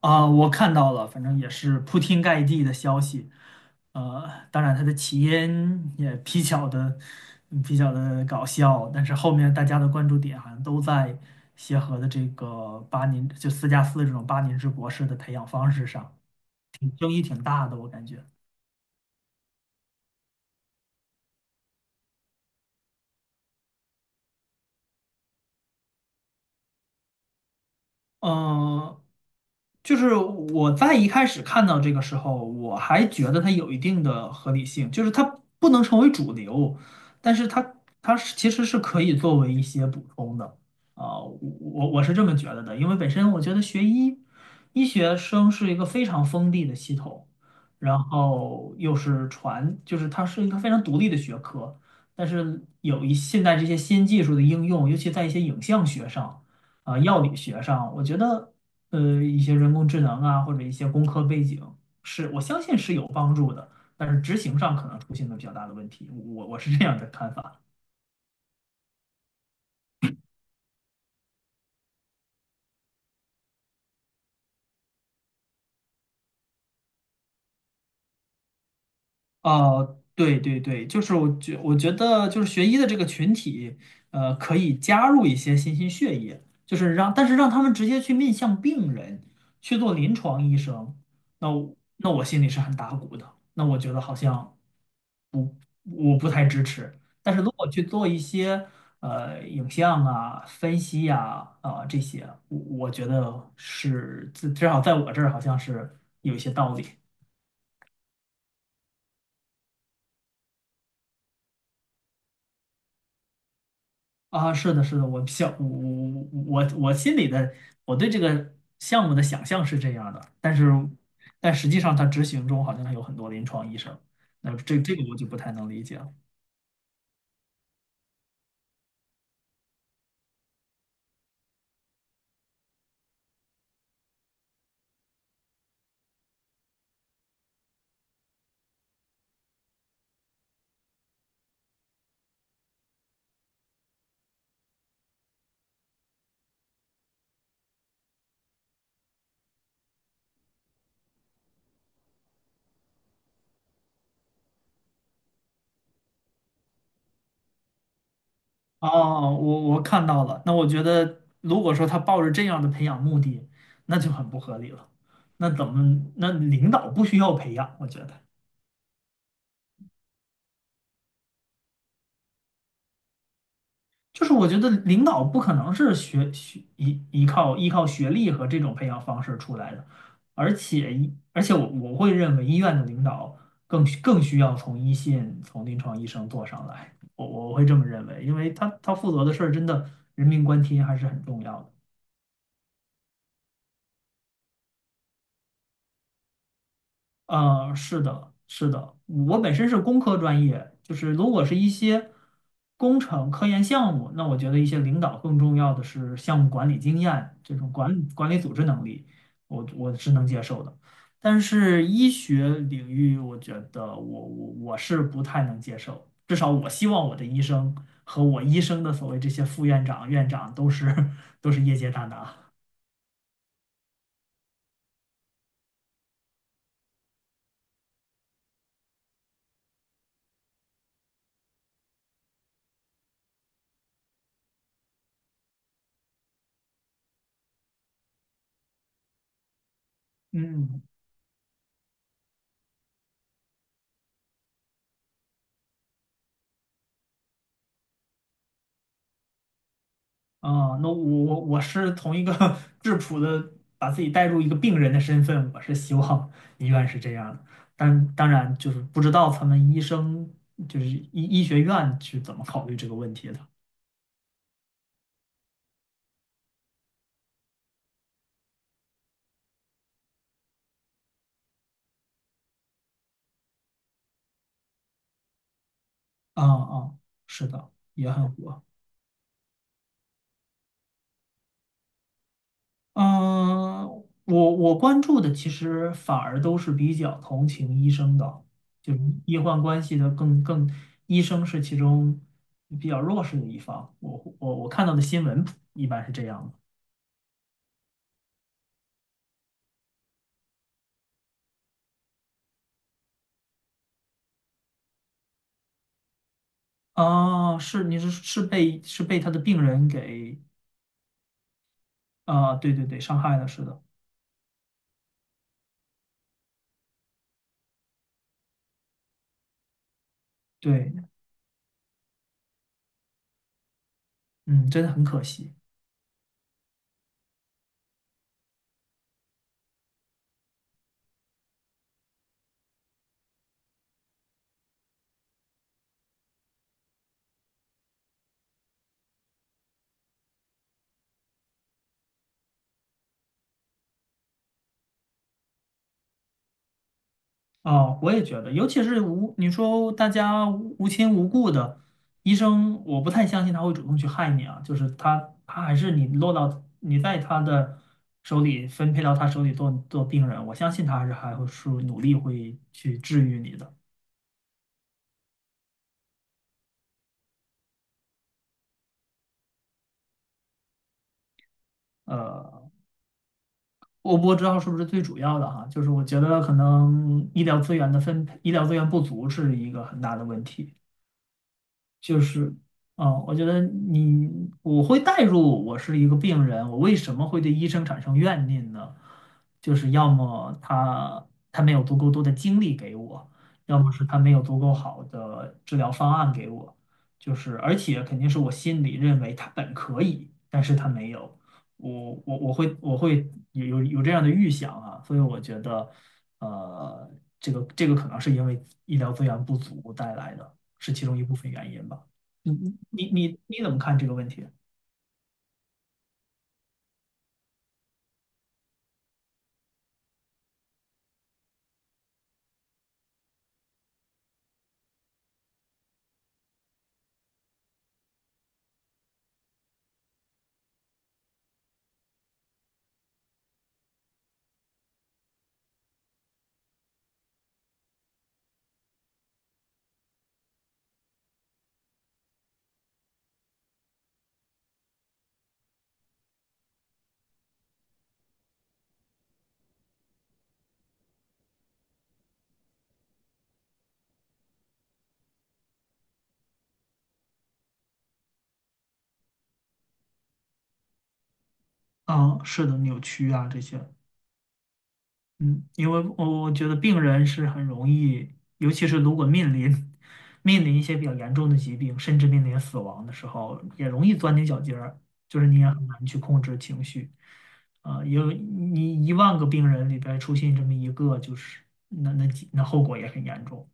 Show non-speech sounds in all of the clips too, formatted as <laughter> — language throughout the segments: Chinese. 啊，我看到了，反正也是铺天盖地的消息。当然它的起因也比较的搞笑，但是后面大家的关注点好像都在协和的这个八年就4+4这种8年制博士的培养方式上，挺争议挺大的，我感觉。嗯、就是我在一开始看到这个时候，我还觉得它有一定的合理性，就是它不能成为主流，但是它其实是可以作为一些补充的。我是这么觉得的，因为本身我觉得医学生是一个非常封闭的系统，然后又是就是它是一个非常独立的学科，但是现在这些新技术的应用，尤其在一些影像学上。药理学上，我觉得一些人工智能啊，或者一些工科背景，是我相信是有帮助的，但是执行上可能出现了比较大的问题。我是这样的看法。<laughs> 哦，对对对，就是我觉得就是学医的这个群体，可以加入一些新兴血液，就是让但是让他们直接去面向病人去做临床医生，那我心里是很打鼓的。那我觉得好像。不，我不太支持。但是如果去做一些影像啊、分析呀、这些，我觉得是至少在我这儿好像是有一些道理。啊。是的，是的，我想我我我心里的我对这个项目的想象是这样的，但是实际上它执行中好像还有很多临床医生，那这个我就不太能理解了。哦，我看到了。那我觉得，如果说他抱着这样的培养目的，那就很不合理了。那怎么？那领导不需要培养，我觉得，就是我觉得领导不可能是依靠学历和这种培养方式出来的，而且我会认为医院的领导更需要从一线从临床医生做上来，我会这么认为，因为他负责的事儿真的人命关天还是很重要的。是的，是的，我本身是工科专业，就是如果是一些工程科研项目，那我觉得一些领导更重要的是项目管理经验，这种管理组织能力，我是能接受的。但是医学领域，我觉得我是不太能接受，至少我希望我的医生和我医生的所谓这些副院长、院长都是 <laughs> 都是业界大拿。嗯。啊，那我是从一个 <laughs> 质朴的，把自己带入一个病人的身份，我是希望 <laughs> 医院是这样的，但当然就是不知道他们医生就是医学院是怎么考虑这个问题的。啊啊，是的，也很火。嗯，我关注的其实反而都是比较同情医生的，就是医患关系的医生是其中比较弱势的一方。我看到的新闻一般是这样的。哦，是你是是被是被他的病人给。对对对，伤害了，是的，对，嗯，真的很可惜。啊，我也觉得，尤其是无，你说大家无亲无故的，医生，我不太相信他会主动去害你啊，就是他还是你落到你在他的手里分配到他手里做病人，我相信他还会努力去治愈你的。呃，我不知道是不是最主要的哈，就是我觉得可能医疗资源的分配，医疗资源不足是一个很大的问题。就是，啊，我觉得你我会带入我是一个病人，我为什么会对医生产生怨念呢？就是要么他没有足够多的精力给我，要么是他没有足够好的治疗方案给我，就是而且肯定是我心里认为他本可以，但是他没有，我会有这样的预想啊，所以我觉得，呃，这个这个可能是因为医疗资源不足带来的，是其中一部分原因吧。你你怎么看这个问题？啊，是的，扭曲啊这些。嗯，因为我觉得病人是很容易，尤其是如果面临一些比较严重的疾病，甚至面临死亡的时候，也容易钻牛角尖儿，就是你也很难去控制情绪。有你1万个病人里边出现这么一个，就是那后果也很严重。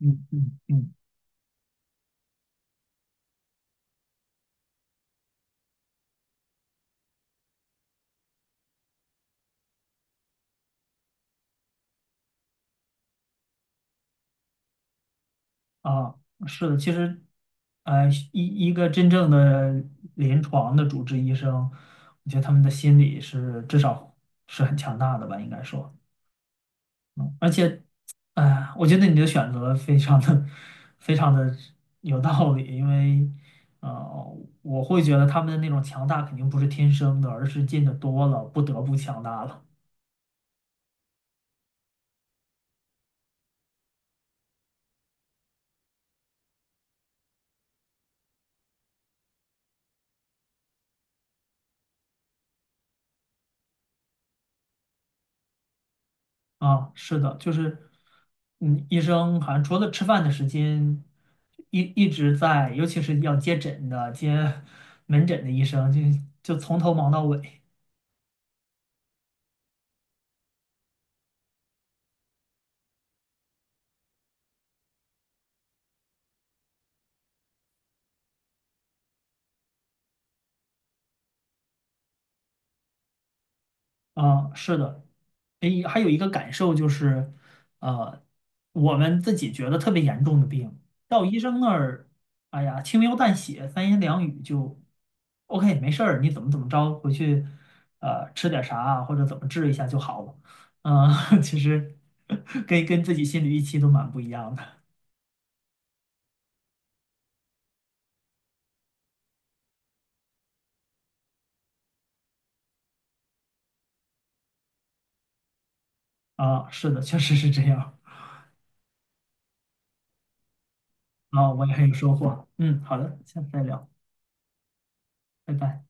嗯嗯嗯，啊，是的，其实，一个真正的临床的主治医生，我觉得他们的心理是至少是很强大的吧，应该说。嗯而且，哎，我觉得你的选择非常的、<laughs> 非常的有道理，因为，呃，我会觉得他们的那种强大肯定不是天生的，而是见的多了，不得不强大了。啊，是的，就是，医生好像除了吃饭的时间，一直在，尤其是要接诊的、接门诊的医生，就从头忙到尾。啊，是的，诶，还有一个感受就是，呃，我们自己觉得特别严重的病，到医生那儿，哎呀，轻描淡写，三言两语就，OK，没事儿，你怎么怎么着，回去，吃点啥啊或者怎么治一下就好了。嗯，<laughs> 其实跟自己心里预期都蛮不一样的。啊，是的，确实是这样。啊，我也很有收获。嗯，好的，下次再聊，拜拜。